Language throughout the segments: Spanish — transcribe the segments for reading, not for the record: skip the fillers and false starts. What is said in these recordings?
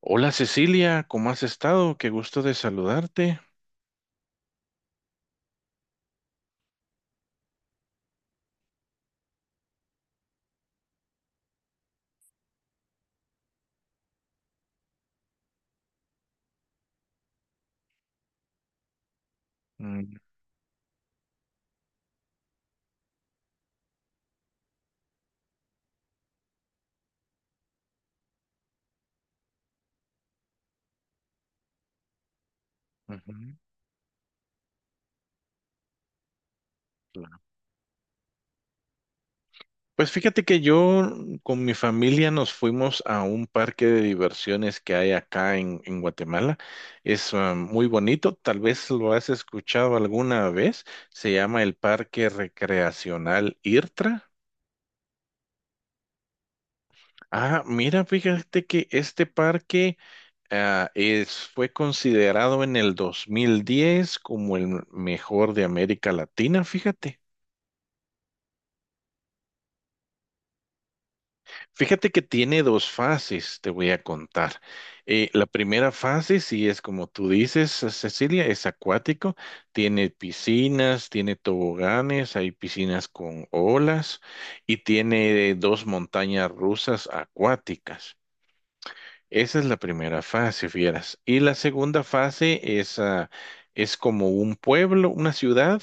Hola Cecilia, ¿cómo has estado? Qué gusto de saludarte. Mm, ujú, claro. Pues fíjate que yo con mi familia nos fuimos a un parque de diversiones que hay acá en Guatemala. Es muy bonito, tal vez lo has escuchado alguna vez. Se llama el Parque Recreacional IRTRA. Ah, mira, fíjate que este parque fue considerado en el 2010 como el mejor de América Latina, fíjate. Fíjate que tiene dos fases, te voy a contar. La primera fase, sí es como tú dices, Cecilia, es acuático, tiene piscinas, tiene toboganes, hay piscinas con olas y tiene dos montañas rusas acuáticas. Esa es la primera fase, fieras. Y la segunda fase es como un pueblo, una ciudad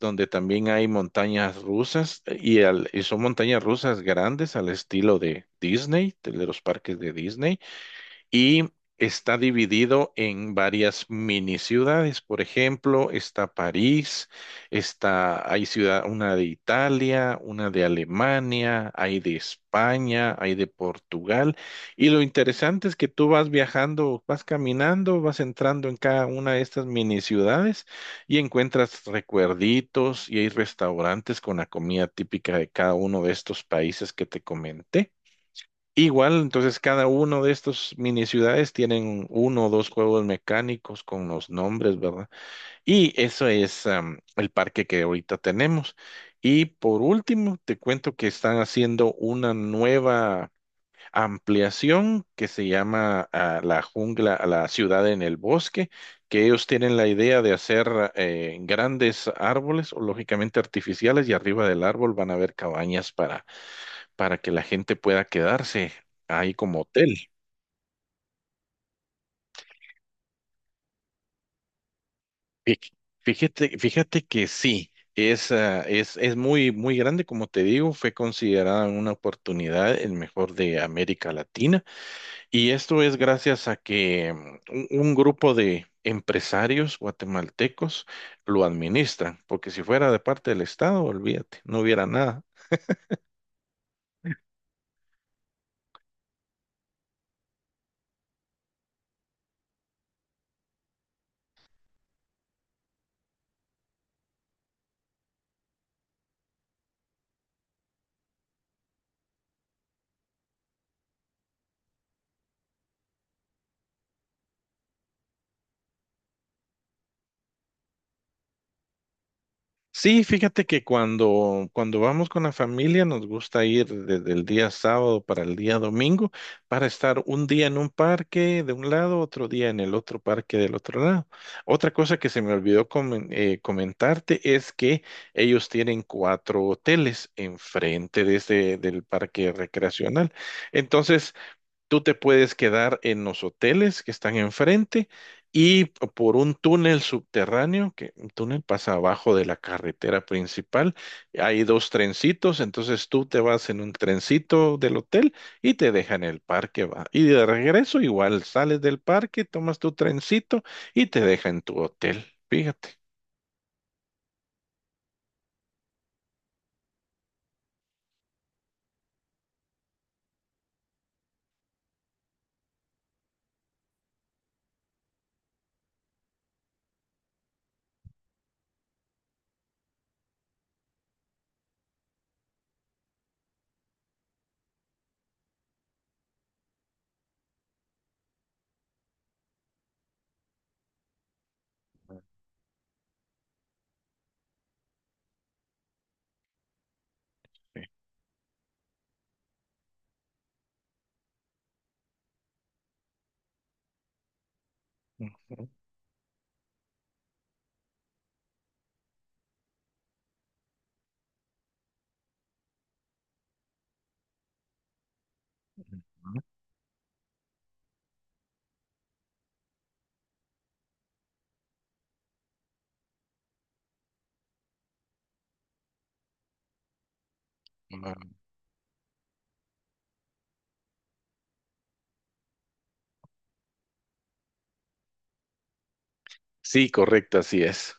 donde también hay montañas rusas y son montañas rusas grandes al estilo de Disney, de los parques de Disney y está dividido en varias mini ciudades. Por ejemplo, está París, una de Italia, una de Alemania, hay de España, hay de Portugal. Y lo interesante es que tú vas viajando, vas caminando, vas entrando en cada una de estas mini ciudades y encuentras recuerditos y hay restaurantes con la comida típica de cada uno de estos países que te comenté. Igual, entonces cada uno de estos mini ciudades tienen uno o dos juegos mecánicos con los nombres, ¿verdad? Y eso es el parque que ahorita tenemos. Y por último, te cuento que están haciendo una nueva ampliación que se llama la jungla, la ciudad en el bosque, que ellos tienen la idea de hacer grandes árboles, o lógicamente artificiales, y arriba del árbol van a haber cabañas para que la gente pueda quedarse ahí como hotel. Fí- fíjate que sí, es muy, muy grande, como te digo, fue considerada una oportunidad, el mejor de América Latina, y esto es gracias a que un grupo de empresarios guatemaltecos lo administran, porque si fuera de parte del Estado, olvídate, no hubiera nada. Sí, fíjate que cuando vamos con la familia nos gusta ir desde el día sábado para el día domingo para estar un día en un parque de un lado, otro día en el otro parque del otro lado. Otra cosa que se me olvidó comentarte es que ellos tienen cuatro hoteles enfrente de del parque recreacional. Entonces, tú te puedes quedar en los hoteles que están enfrente y por un túnel subterráneo, que un túnel pasa abajo de la carretera principal. Hay dos trencitos, entonces tú te vas en un trencito del hotel y te dejan en el parque, va. Y de regreso igual sales del parque, tomas tu trencito y te deja en tu hotel. Fíjate. Sí, ujú. Ujú. Sí, correcto, así es.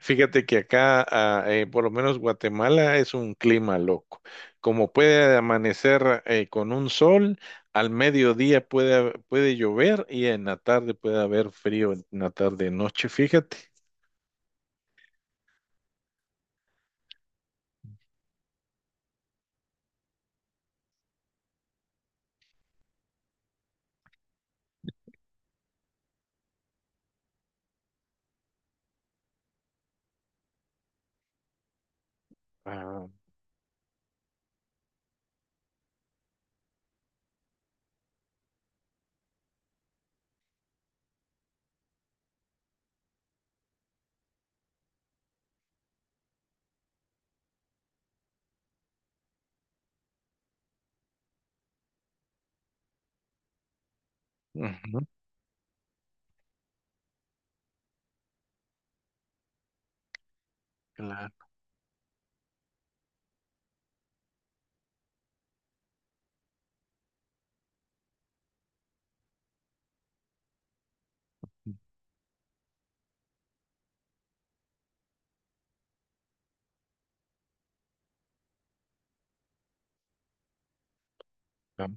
Fíjate que por lo menos Guatemala, es un clima loco. Como puede amanecer con un sol, al mediodía puede llover y en la tarde puede haber frío, en la tarde, noche, fíjate. Ah, ujú, claro. Ah.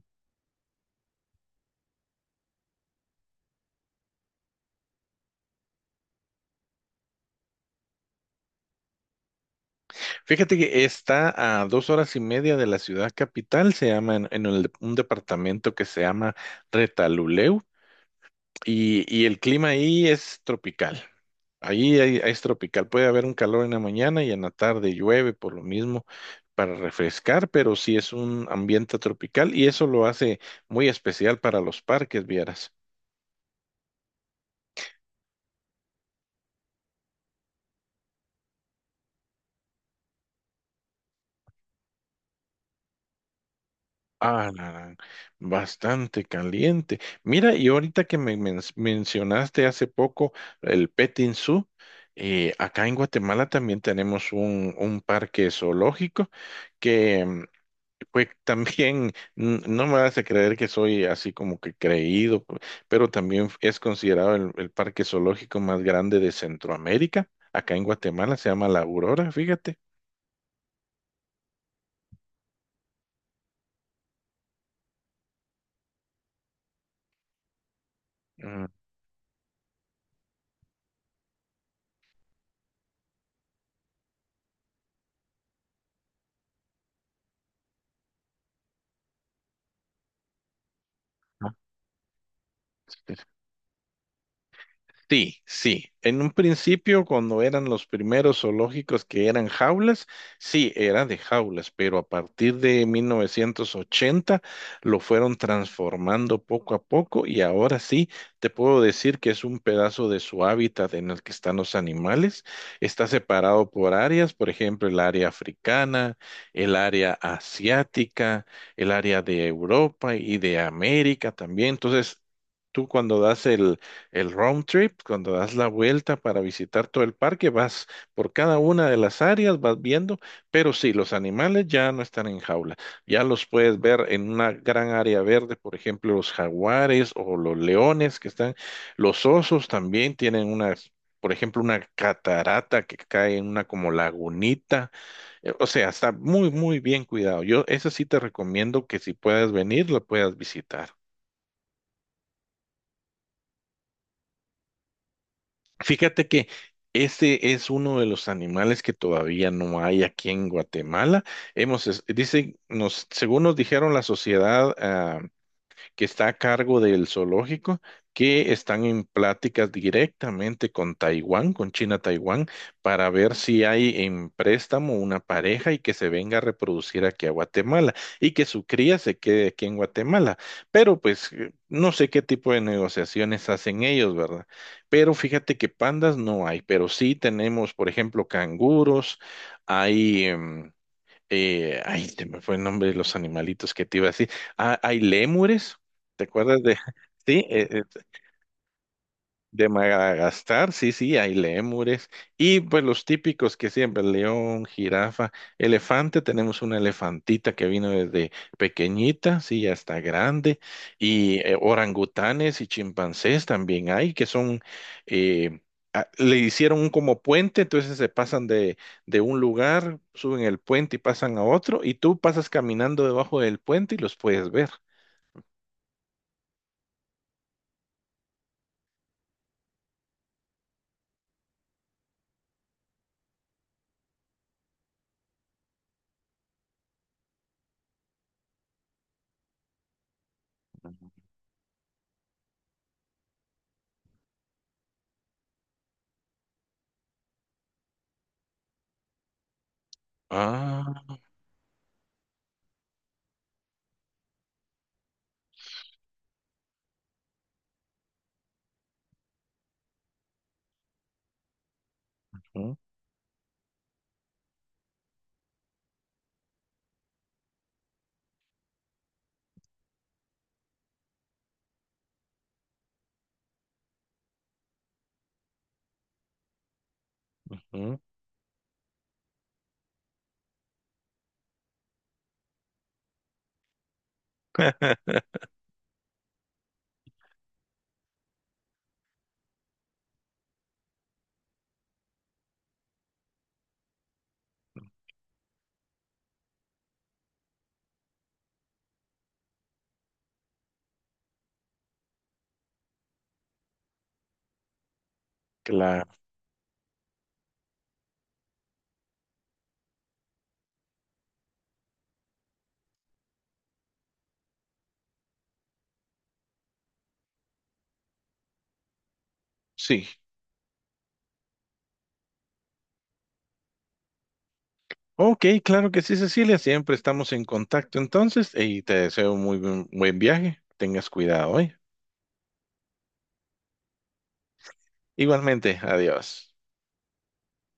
Fíjate que está a dos horas y media de la ciudad capital, se llama un departamento que se llama Retaluleu y el clima ahí es tropical. Es tropical, puede haber un calor en la mañana y en la tarde llueve por lo mismo para refrescar, pero sí es un ambiente tropical y eso lo hace muy especial para los parques, vieras. Ah, la gran, bastante caliente. Mira, y ahorita que me mencionaste hace poco el Petting Zoo, acá en Guatemala también tenemos un parque zoológico. Pues también no me hace creer que soy así como que creído, pero también es considerado el parque zoológico más grande de Centroamérica. Acá en Guatemala se llama La Aurora, fíjate. Ujú. Sí, sí. En un principio, cuando eran los primeros zoológicos que eran jaulas, sí, era de jaulas, pero a partir de 1980 lo fueron transformando poco a poco y ahora sí te puedo decir que es un pedazo de su hábitat en el que están los animales. Está separado por áreas, por ejemplo, el área africana, el área asiática, el área de Europa y de América también. Entonces, tú cuando das el round trip, cuando das la vuelta para visitar todo el parque, vas por cada una de las áreas, vas viendo, pero sí, los animales ya no están en jaula. Ya los puedes ver en una gran área verde, por ejemplo, los jaguares o los leones que están. Los osos también tienen una, por ejemplo, una catarata que cae en una como lagunita. O sea, está muy, muy bien cuidado. Yo, esa sí te recomiendo que si puedes venir, lo puedas visitar. Fíjate que ese es uno de los animales que todavía no hay aquí en Guatemala. Hemos, es- dicen, nos, según nos dijeron la sociedad que está a cargo del zoológico, que están en pláticas directamente con Taiwán, con China-Taiwán, para ver si hay en préstamo una pareja y que se venga a reproducir aquí a Guatemala y que su cría se quede aquí en Guatemala. Pero pues no sé qué tipo de negociaciones hacen ellos, ¿verdad? Pero fíjate que pandas no hay, pero sí tenemos, por ejemplo, canguros, hay... ay, se me fue el nombre de los animalitos que te iba a decir. Ah, hay lémures, ¿te acuerdas de? Sí, de Madagascar, sí, sí, hay lémures. Y pues los típicos que siempre, león, jirafa, elefante, tenemos una elefantita que vino desde pequeñita, sí, ya está grande. Y orangutanes y chimpancés también hay, que son, eh, le hicieron un como puente, entonces se pasan de un lugar, suben el puente y pasan a otro, y tú pasas caminando debajo del puente y los puedes ver. Ah, ujú, ujú. Claro, sí. Ok, claro que sí, Cecilia, siempre estamos en contacto entonces y te deseo un muy buen viaje. Tengas cuidado hoy. Igualmente, adiós.